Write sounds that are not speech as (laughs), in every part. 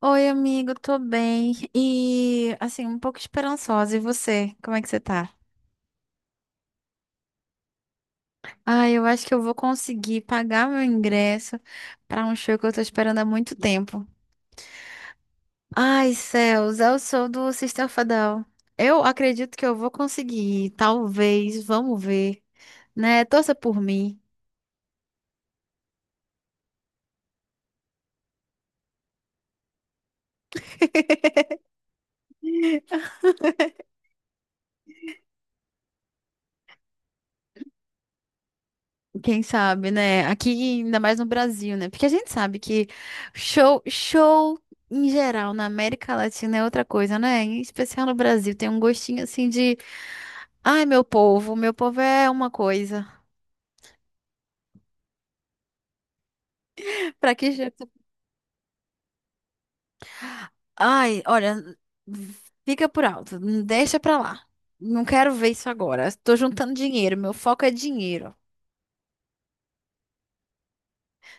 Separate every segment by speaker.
Speaker 1: Oi, amigo, tô bem. E assim, um pouco esperançosa. E você? Como é que você tá? Ah, eu acho que eu vou conseguir pagar meu ingresso pra um show que eu tô esperando há muito tempo. Ai, céus, eu sou do System of a Down. Eu acredito que eu vou conseguir, talvez, vamos ver, né? Torça por mim. (laughs) Quem sabe, né? Aqui, ainda mais no Brasil, né? Porque a gente sabe que show em geral na América Latina é outra coisa, né? Em especial no Brasil, tem um gostinho assim de, ai, meu povo é uma coisa. (laughs) Pra que jeito? Ai, olha, fica por alto, deixa pra lá. Não quero ver isso agora. Tô juntando dinheiro, meu foco é dinheiro.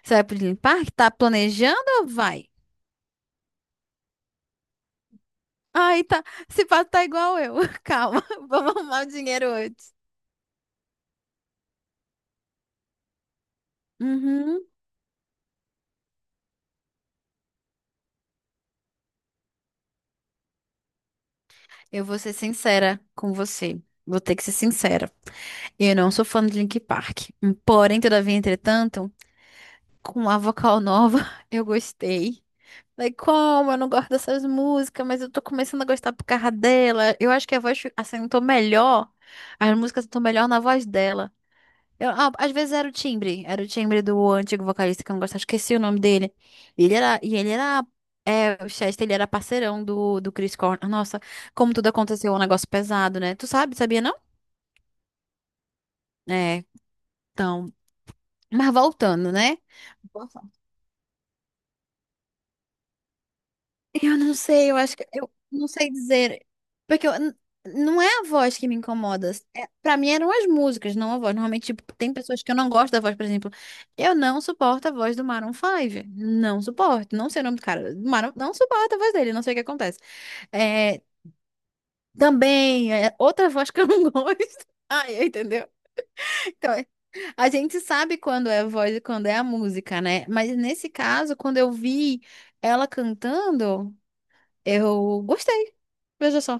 Speaker 1: Você vai pro Disney Park? Tá planejando? Ou vai. Ai, tá. Se pá, tá igual eu. (laughs) Calma, (laughs) vamos arrumar o dinheiro hoje. Uhum. Eu vou ser sincera com você. Vou ter que ser sincera. Eu não sou fã de Linkin Park. Porém, todavia, entretanto, com a vocal nova, (laughs) eu gostei. Daí como? Eu não gosto dessas músicas, mas eu tô começando a gostar por causa dela. Eu acho que a voz assentou melhor. As músicas estão melhor na voz dela. Eu, às vezes era o timbre do antigo vocalista que eu não gostava, esqueci o nome dele. E ele era, é, o Chester, ele era parceirão do Chris Cornell. Nossa, como tudo aconteceu, é um negócio pesado, né? Tu sabe, sabia não? É, então, mas voltando, né? Eu acho que eu não sei dizer. Porque não é a voz que me incomoda. É, para mim eram as músicas, não a voz. Normalmente, tipo, tem pessoas que eu não gosto da voz, por exemplo. Eu não suporto a voz do Maroon 5. Não suporto. Não sei o nome do cara. Do Maroon, não suporto a voz dele, não sei o que acontece. É, também, é outra voz que eu não (laughs) gosto. Ai, entendeu? Então, a gente sabe quando é a voz e quando é a música, né? Mas nesse caso, quando eu vi ela cantando. Eu gostei. Veja só.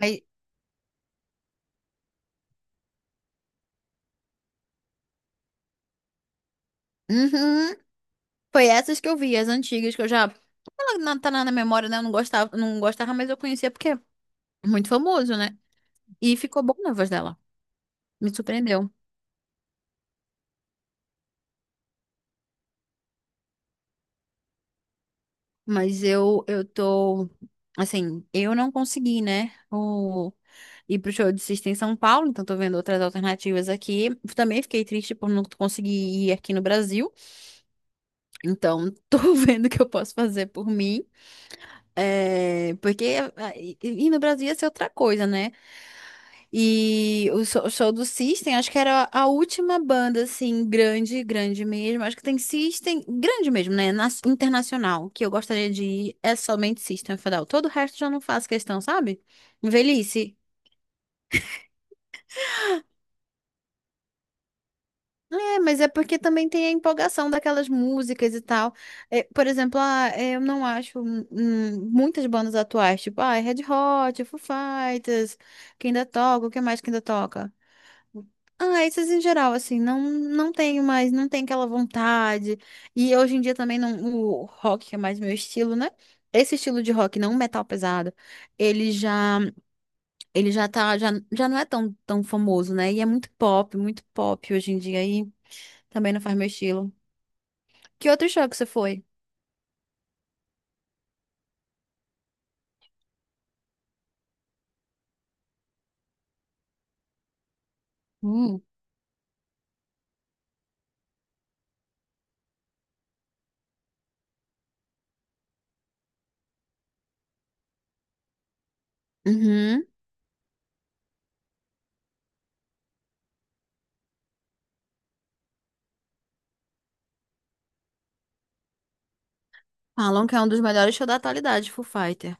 Speaker 1: Mas, uhum, foi essas que eu vi, as antigas que eu já. Ela não tá na memória, né? Eu não gostava, mas eu conhecia porque é muito famoso, né? E ficou bom na voz dela. Me surpreendeu. Mas eu tô. Assim, eu não consegui, né? O... Ir pro show de Sista em São Paulo, então tô vendo outras alternativas aqui. Também fiquei triste por não conseguir ir aqui no Brasil, então (laughs) tô vendo o que eu posso fazer por mim. É, porque ah, e no Brasil ia ser outra coisa, né? E o show do System, acho que era a última banda, assim, grande mesmo. Acho que tem System, grande mesmo, né? Internacional, que eu gostaria de ir, é somente System of a Down. Todo o resto já não faço questão, sabe? Velhice. É, mas é porque também tem a empolgação daquelas músicas e tal. É, por exemplo, é, eu não acho muitas bandas atuais, tipo, ah, Red Hot, Foo Fighters, que ainda toca, o que mais que ainda toca? Ah, esses em geral, assim, não tenho mais, não tem aquela vontade. E hoje em dia também não, o rock, que é mais meu estilo, né? Esse estilo de rock, não metal pesado, ele já, ele já tá, já não é tão famoso, né? E é muito pop hoje em dia, e também não faz meu estilo. Que outro show que você foi? Hum. Uhum. Falam que é um dos melhores shows da atualidade, Foo Fighter.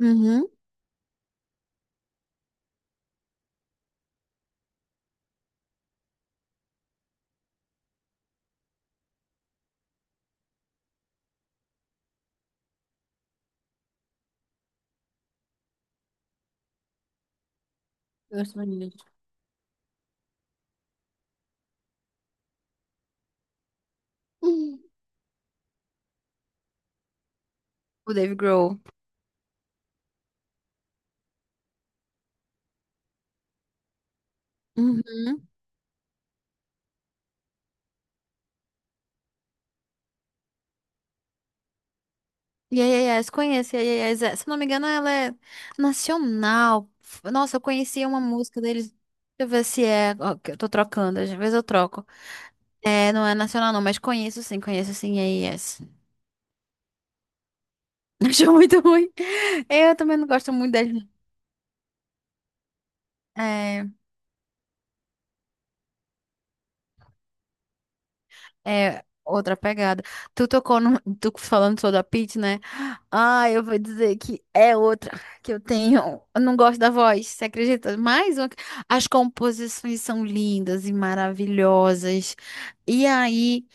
Speaker 1: Uhum. Gosto muito. Uhum. O Dave Grohl. Uhum. Yes, conheço. Yes, se não me engano, ela é nacional. Nossa, eu conhecia uma música deles. Deixa eu ver se é. Ó, que eu tô trocando, às vezes eu troco. É, não é nacional, não, mas conheço sim. Yes. (laughs) Acho muito ruim. Eu também não gosto muito deles. É, é outra pegada. Tu tocou no, tu falando sobre a Pitty, né? Ah, eu vou dizer que é outra que eu tenho. Eu não gosto da voz, você acredita? Mais uma. Que... As composições são lindas e maravilhosas. E aí,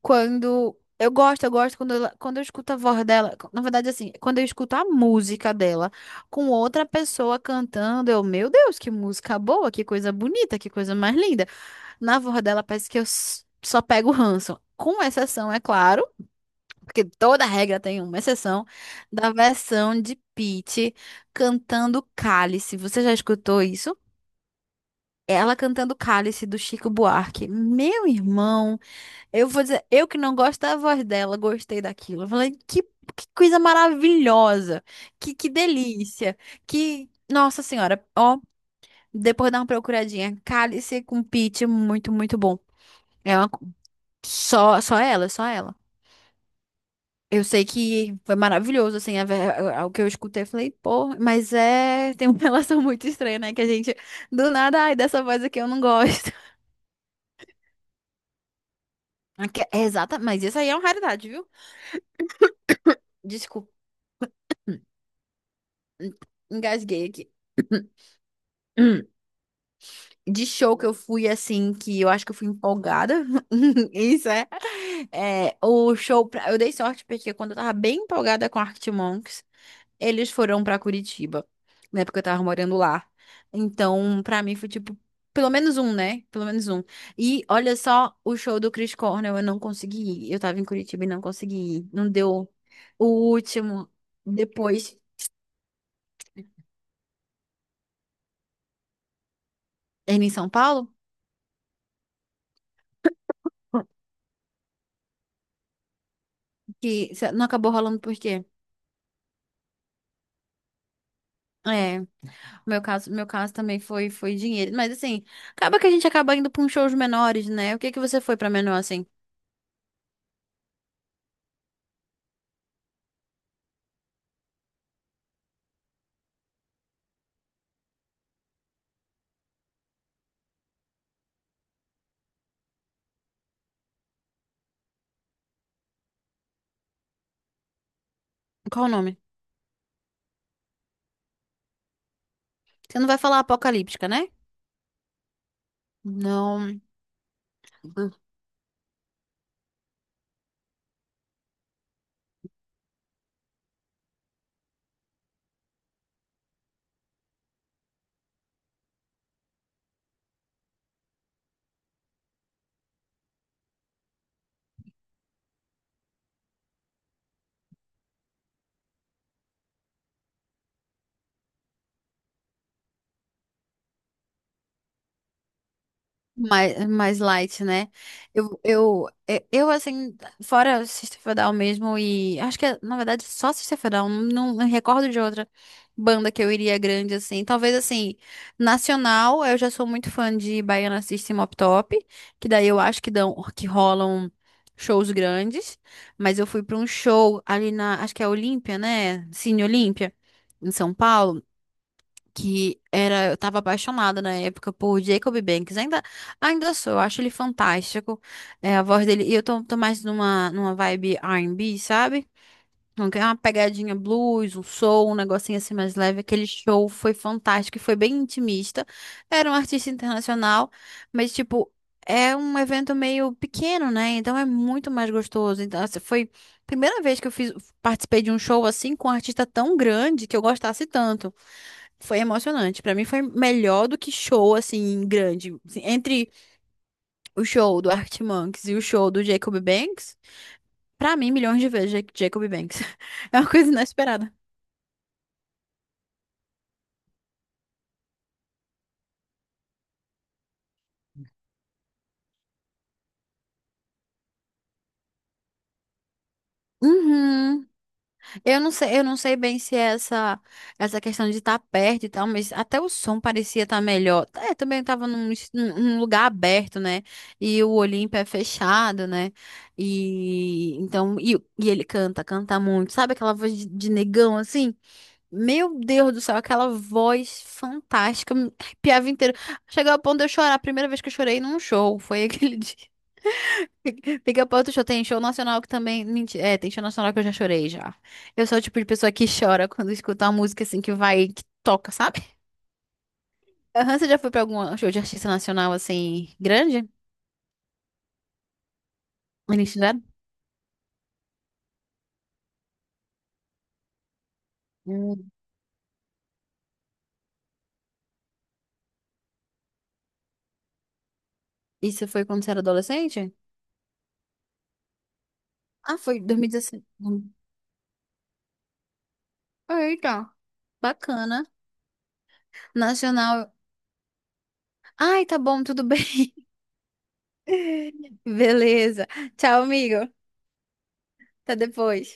Speaker 1: quando eu gosto quando quando eu escuto a voz dela, na verdade assim, quando eu escuto a música dela com outra pessoa cantando, eu, meu Deus, que música boa, que coisa bonita, que coisa mais linda. Na voz dela parece que só pego o ranço. Com exceção, é claro, porque toda regra tem uma exceção, da versão de Pitty cantando Cálice. Você já escutou isso? Ela cantando Cálice do Chico Buarque. Meu irmão, eu vou dizer, eu que não gosto da voz dela, gostei daquilo. Eu falei, que coisa maravilhosa, que delícia, que. Nossa Senhora, ó, depois dá uma procuradinha. Cálice com Pitty, muito bom. É uma... Só, só ela, só ela. Eu sei que foi maravilhoso, assim, o que eu escutei, eu falei, pô, mas é, tem uma (laughs) relação muito estranha, né, que a gente, do nada, ai, dessa voz aqui eu não gosto. (laughs) É exata, mas isso aí é uma raridade, viu? Desculpa, engasguei aqui. (clears throat) Hum, de show que eu fui, assim, que eu acho que eu fui empolgada, (laughs) isso é, é, o show, eu dei sorte, porque quando eu tava bem empolgada com Arctic Monkeys, eles foram pra Curitiba, na época eu tava morando lá. Então, pra mim foi tipo, pelo menos um, né? Pelo menos um. E olha só, o show do Chris Cornell eu não consegui ir. Eu tava em Curitiba e não consegui ir. Não deu o último. Depois, ele em São Paulo, que não acabou rolando por quê? É, meu caso também foi dinheiro, mas assim, acaba que a gente acaba indo pra uns shows menores, né? O que que você foi pra menor assim? Qual o nome? Você não vai falar Apocalíptica, né? Não. Mais, mais light, né? Assim, fora Sister Fadal mesmo, e acho que, é, na verdade, só Sister Fadal, não recordo de outra banda que eu iria grande, assim. Talvez, assim, nacional, eu já sou muito fã de Baiana System Up Top, que daí eu acho que dão, que rolam shows grandes, mas eu fui para um show ali na, acho que é Olímpia, né? Cine Olímpia, em São Paulo que era, eu tava apaixonada na época por Jacob Banks, ainda, ainda sou, eu acho ele fantástico, é, a voz dele, e eu tô mais numa, numa vibe R&B, sabe? Não quer uma pegadinha blues, um soul, um negocinho assim mais leve. Aquele show foi fantástico e foi bem intimista. Era um artista internacional, mas tipo, é um evento meio pequeno, né? Então é muito mais gostoso. Então, assim, foi a primeira vez que eu fiz, participei de um show assim com um artista tão grande que eu gostasse tanto. Foi emocionante. Pra mim foi melhor do que show assim grande. Assim, entre o show do Arctic Monkeys e o show do Jacob Banks, pra mim, milhões de vezes, Jacob Banks. (laughs) É uma coisa inesperada. Uhum. Eu não sei bem se é essa questão de estar perto e tal, mas até o som parecia estar melhor. É, também estava num, num lugar aberto, né? E o Olimpo é fechado, né? E então e ele canta, canta muito. Sabe aquela voz de negão assim? Meu Deus do céu, aquela voz fantástica, me arrepiava inteiro. Chegou ao ponto de eu chorar. A primeira vez que eu chorei num show foi aquele (laughs) dia. (laughs) Pica-pau do show tem show nacional que também. É, tem show nacional que eu já chorei já. Eu sou o tipo de pessoa que chora quando escuta uma música assim que vai, que toca, sabe? Aham, você já foi pra algum show de artista nacional assim, grande? Eles fizeram? Hum. Isso foi quando você era adolescente? Ah, foi 2016. Eita, bacana. Nacional. Ai, tá bom, tudo bem. (laughs) Beleza. Tchau, amigo. Até depois.